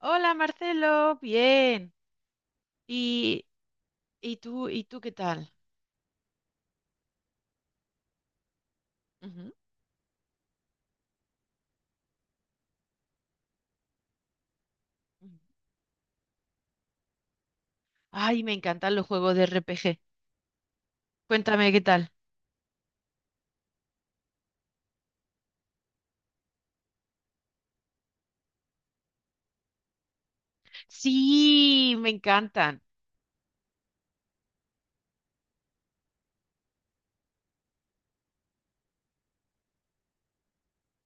Hola Marcelo, bien. ¿Y, y tú qué tal? Ujú. Ay, me encantan los juegos de RPG. Cuéntame qué tal. Sí, me encantan.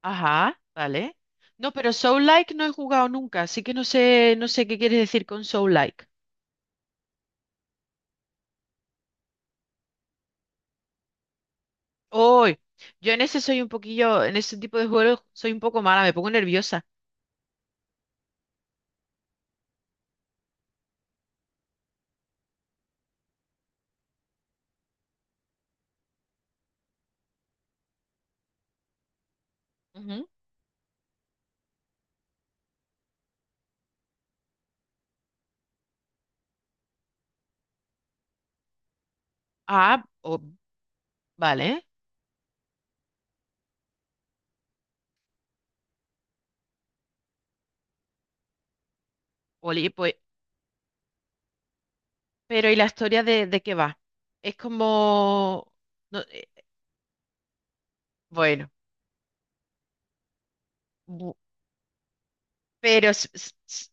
Ajá, vale. No, pero Soul-like no he jugado nunca, así que no sé qué quieres decir con Soul-like. Hoy, yo en ese soy un poquillo, en ese tipo de juegos soy un poco mala, me pongo nerviosa. Ujú. Ah, vale. Oli, pues, pero ¿y la historia de qué va? Es como. No, bueno, bu- pero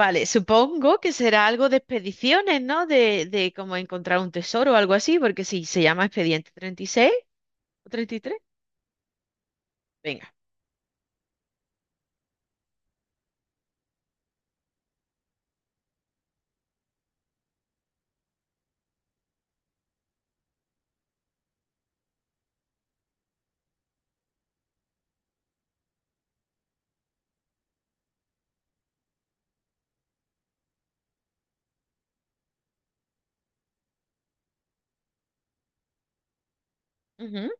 vale, supongo que será algo de expediciones, ¿no? De como encontrar un tesoro o algo así, porque si se llama Expediente 36 o 33. Venga. Ujú,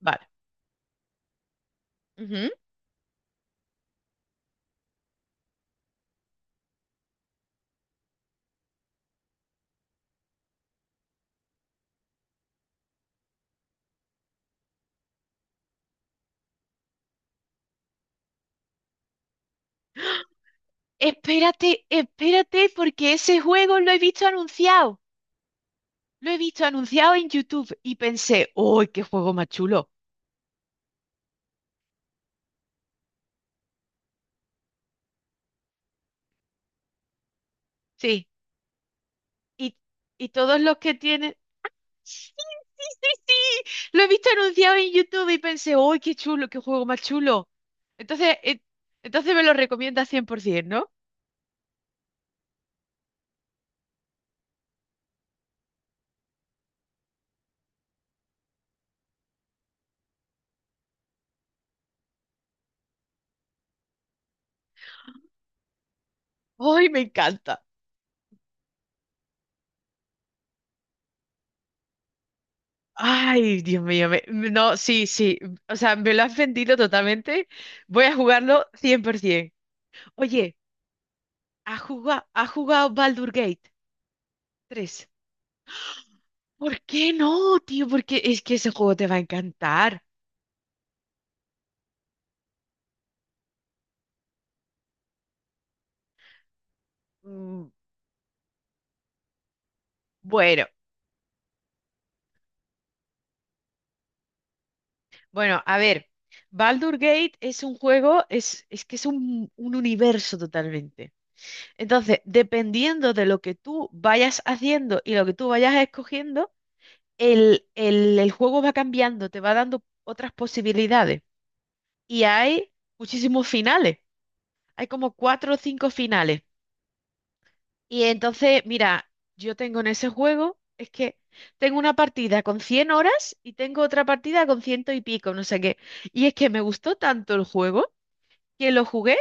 vale. Ujú. Espérate, espérate, porque ese juego lo he visto anunciado. Lo he visto anunciado en YouTube y pensé, ¡uy, qué juego más chulo! Sí, y, y todos los que tienen. Sí, sí, sí, sí. Lo he visto anunciado en YouTube y pensé, ¡uy, qué chulo, qué juego más chulo! Entonces, eh, entonces me lo recomienda 100%, ¿no? ¡Ay, me encanta! Ay, Dios mío, no, sí, sí, o sea, me lo has vendido totalmente. Voy a jugarlo 100%. Oye, ¿ha jugado Baldur Gate 3? ¿Por qué no, tío? Porque es que ese juego te va a encantar. Mm, Bueno, bueno, a ver. Baldur Gate es un juego, es que es un universo totalmente. Entonces, dependiendo de lo que tú vayas haciendo y lo que tú vayas escogiendo, el juego va cambiando, te va dando otras posibilidades. Y hay muchísimos finales. Hay como cuatro o cinco finales. Y entonces, mira, yo tengo en ese juego, es que tengo una partida con 100 horas y tengo otra partida con ciento y pico, no sé qué. Y es que me gustó tanto el juego que lo jugué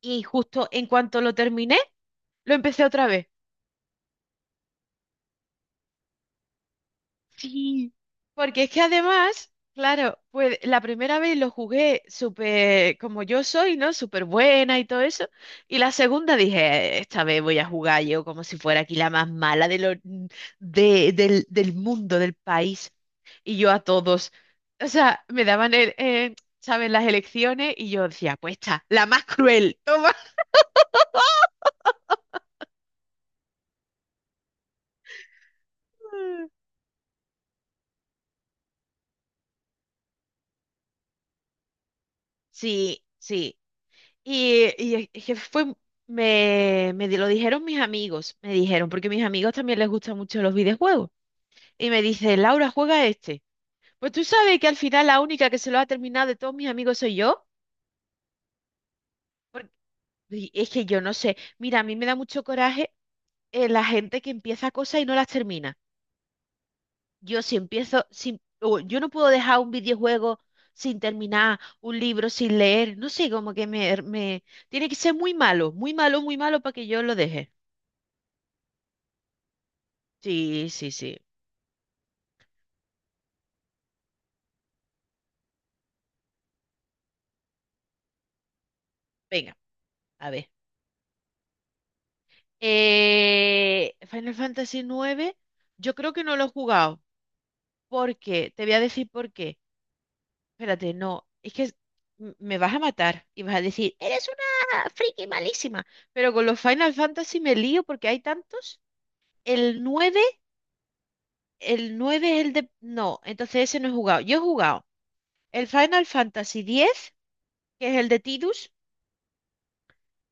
y justo en cuanto lo terminé, lo empecé otra vez. Sí, porque es que además, claro, pues la primera vez lo jugué súper como yo soy, ¿no? Súper buena y todo eso. Y la segunda dije, esta vez voy a jugar yo como si fuera aquí la más mala de lo, de- del, del mundo, del país. Y yo a todos. O sea, me daban, ¿sabes? Las elecciones y yo decía, pues esta, la más cruel, toma. Sí, sí. Y es que fue, me lo dijeron mis amigos, me dijeron, porque mis amigos también les gustan mucho los videojuegos. Y me dice, Laura, juega este. Pues tú sabes que al final la única que se lo ha terminado de todos mis amigos soy yo. Porque, y es que yo no sé. Mira, a mí me da mucho coraje, la gente que empieza cosas y no las termina. Yo si empiezo, sin, o yo no puedo dejar un videojuego sin terminar, un libro sin leer. No sé, como que me tiene que ser muy malo, muy malo, muy malo para que yo lo deje. Sí, sí, sí. Venga, a ver. Final Fantasy nueve, yo creo que no lo he jugado. ¿Por qué? Te voy a decir por qué. Espérate, no. Es que me vas a matar y vas a decir, eres una friki malísima. Pero con los Final Fantasy me lío porque hay tantos. El 9, el 9 es el de. No, entonces ese no he jugado. Yo he jugado el Final Fantasy X, que es el de Tidus.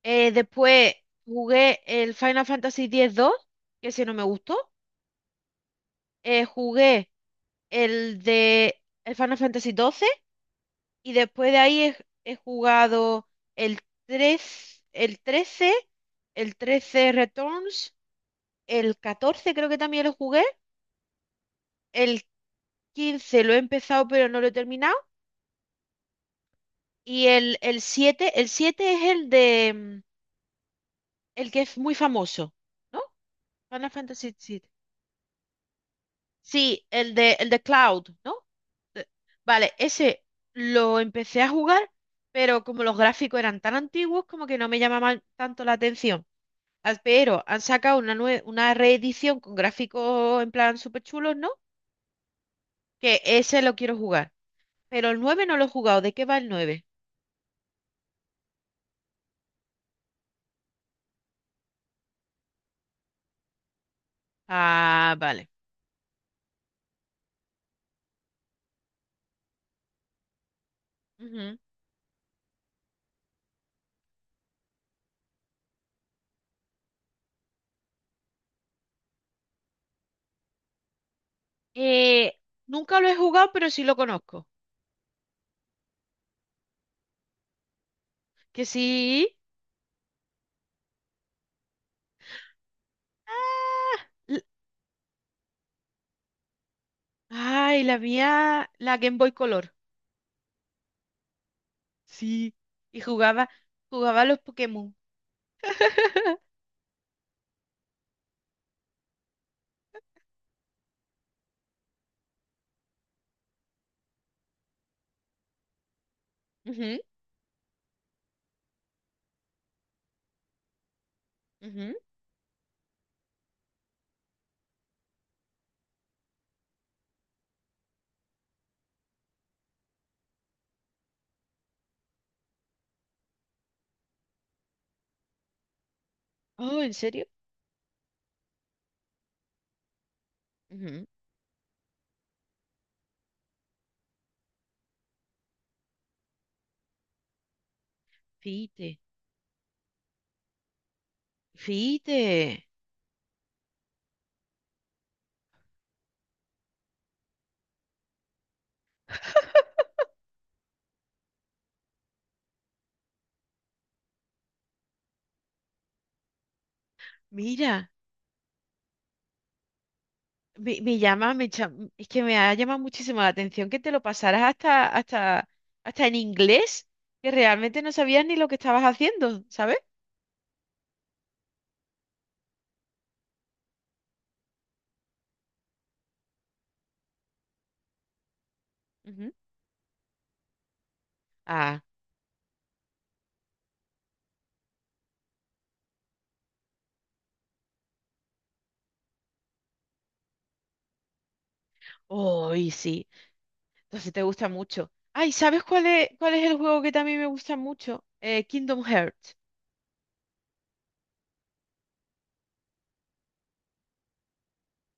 Después jugué el Final Fantasy X-2, que ese no me gustó. Jugué el Final Fantasy XII y después de ahí he jugado el el XIII, el XIII Returns, el XIV creo que también lo jugué, el XV lo he empezado pero no lo he terminado, y el siete es el de el que es muy famoso, ¿no? Final Fantasy siete. Sí, el de Cloud, ¿no? Eh, Vale, ese lo empecé a jugar, pero como los gráficos eran tan antiguos, como que no me llamaban tanto la atención. Ah, pero han sacado una reedición con gráficos en plan súper chulos, ¿no? Que ese lo quiero jugar. Pero el 9 no lo he jugado. ¿De qué va el nueve? Ah, vale. Ujú. Eh, Nunca lo he jugado, pero sí lo conozco. Que sí. l- Ay, la mía, la Game Boy Color. Sí, y jugaba a los Pokémon. Ujú, ujú. Oh, ¿en serio? Ujú. Fíjate, fíjate, mira, me llama, me cha- es que me ha llamado muchísimo la atención que te lo pasaras hasta en inglés, que realmente no sabías ni lo que estabas haciendo, ¿sabes? Ujú. Ah, hoy sí, entonces te gusta mucho. Ay, ¿sabes cuál es el juego que también me gusta mucho? Kingdom Hearts.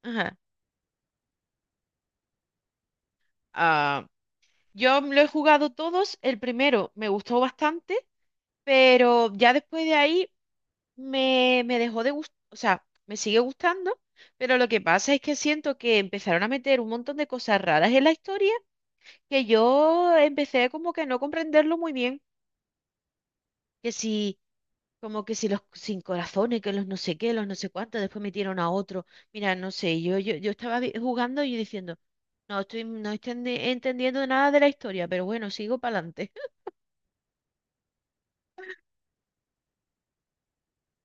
Ajá. Ah. Yo lo he jugado todos, el primero me gustó bastante, pero ya después de ahí me dejó de gustar, o sea, me sigue gustando, pero lo que pasa es que siento que empezaron a meter un montón de cosas raras en la historia que yo empecé como que a no comprenderlo muy bien, que si, como que si los sin corazones, que los no sé qué, los no sé cuántos, después metieron a otro, mira, no sé, yo estaba jugando y diciendo, no estoy entendiendo nada de la historia, pero bueno, sigo para adelante.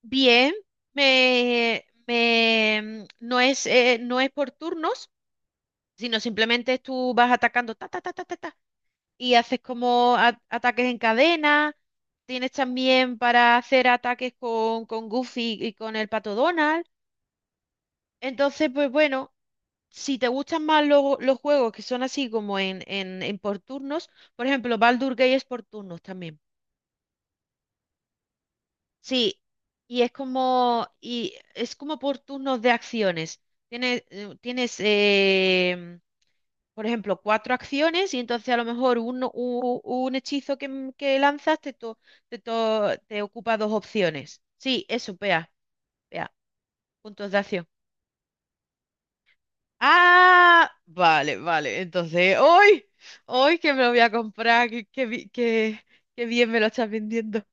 Bien, no es por turnos, sino simplemente tú vas atacando ta, ta, ta, ta, ta, ta, y haces como ataques en cadena. Tienes también para hacer ataques con Goofy y con el Pato Donald. Entonces, pues bueno, si te gustan más los juegos que son así como en, en por turnos, por ejemplo, Baldur Gate es por turnos también. Sí, y es como, es como por turnos de acciones. Tienes, por ejemplo, cuatro acciones y entonces a lo mejor un, hechizo que lanzas te ocupa dos opciones. Sí, eso, pea, pea, puntos de acción. Ah, vale, vale. Entonces, hoy, hoy que me lo voy a comprar, que bien me lo estás vendiendo.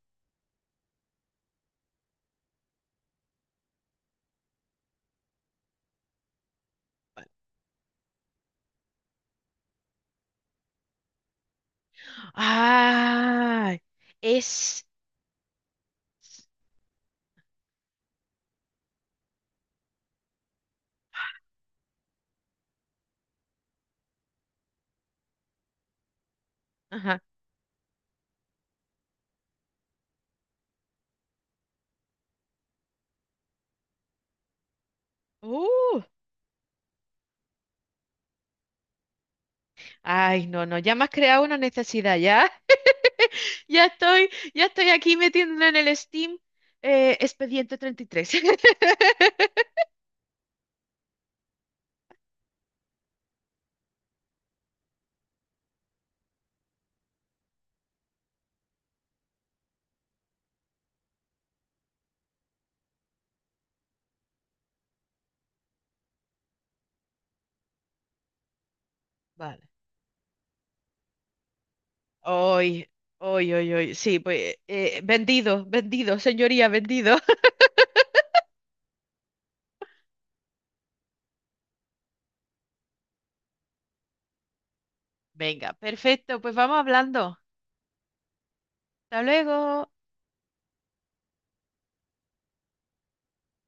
Ah, es. Uh, Ay, no, no, ya me has creado una necesidad, ya, ya estoy, ya estoy aquí metiéndolo en el Steam, Expediente 33. Vale. Hoy, hoy, hoy, hoy, sí, pues vendido, vendido, señoría, vendido. Venga, perfecto, pues vamos hablando. Hasta luego.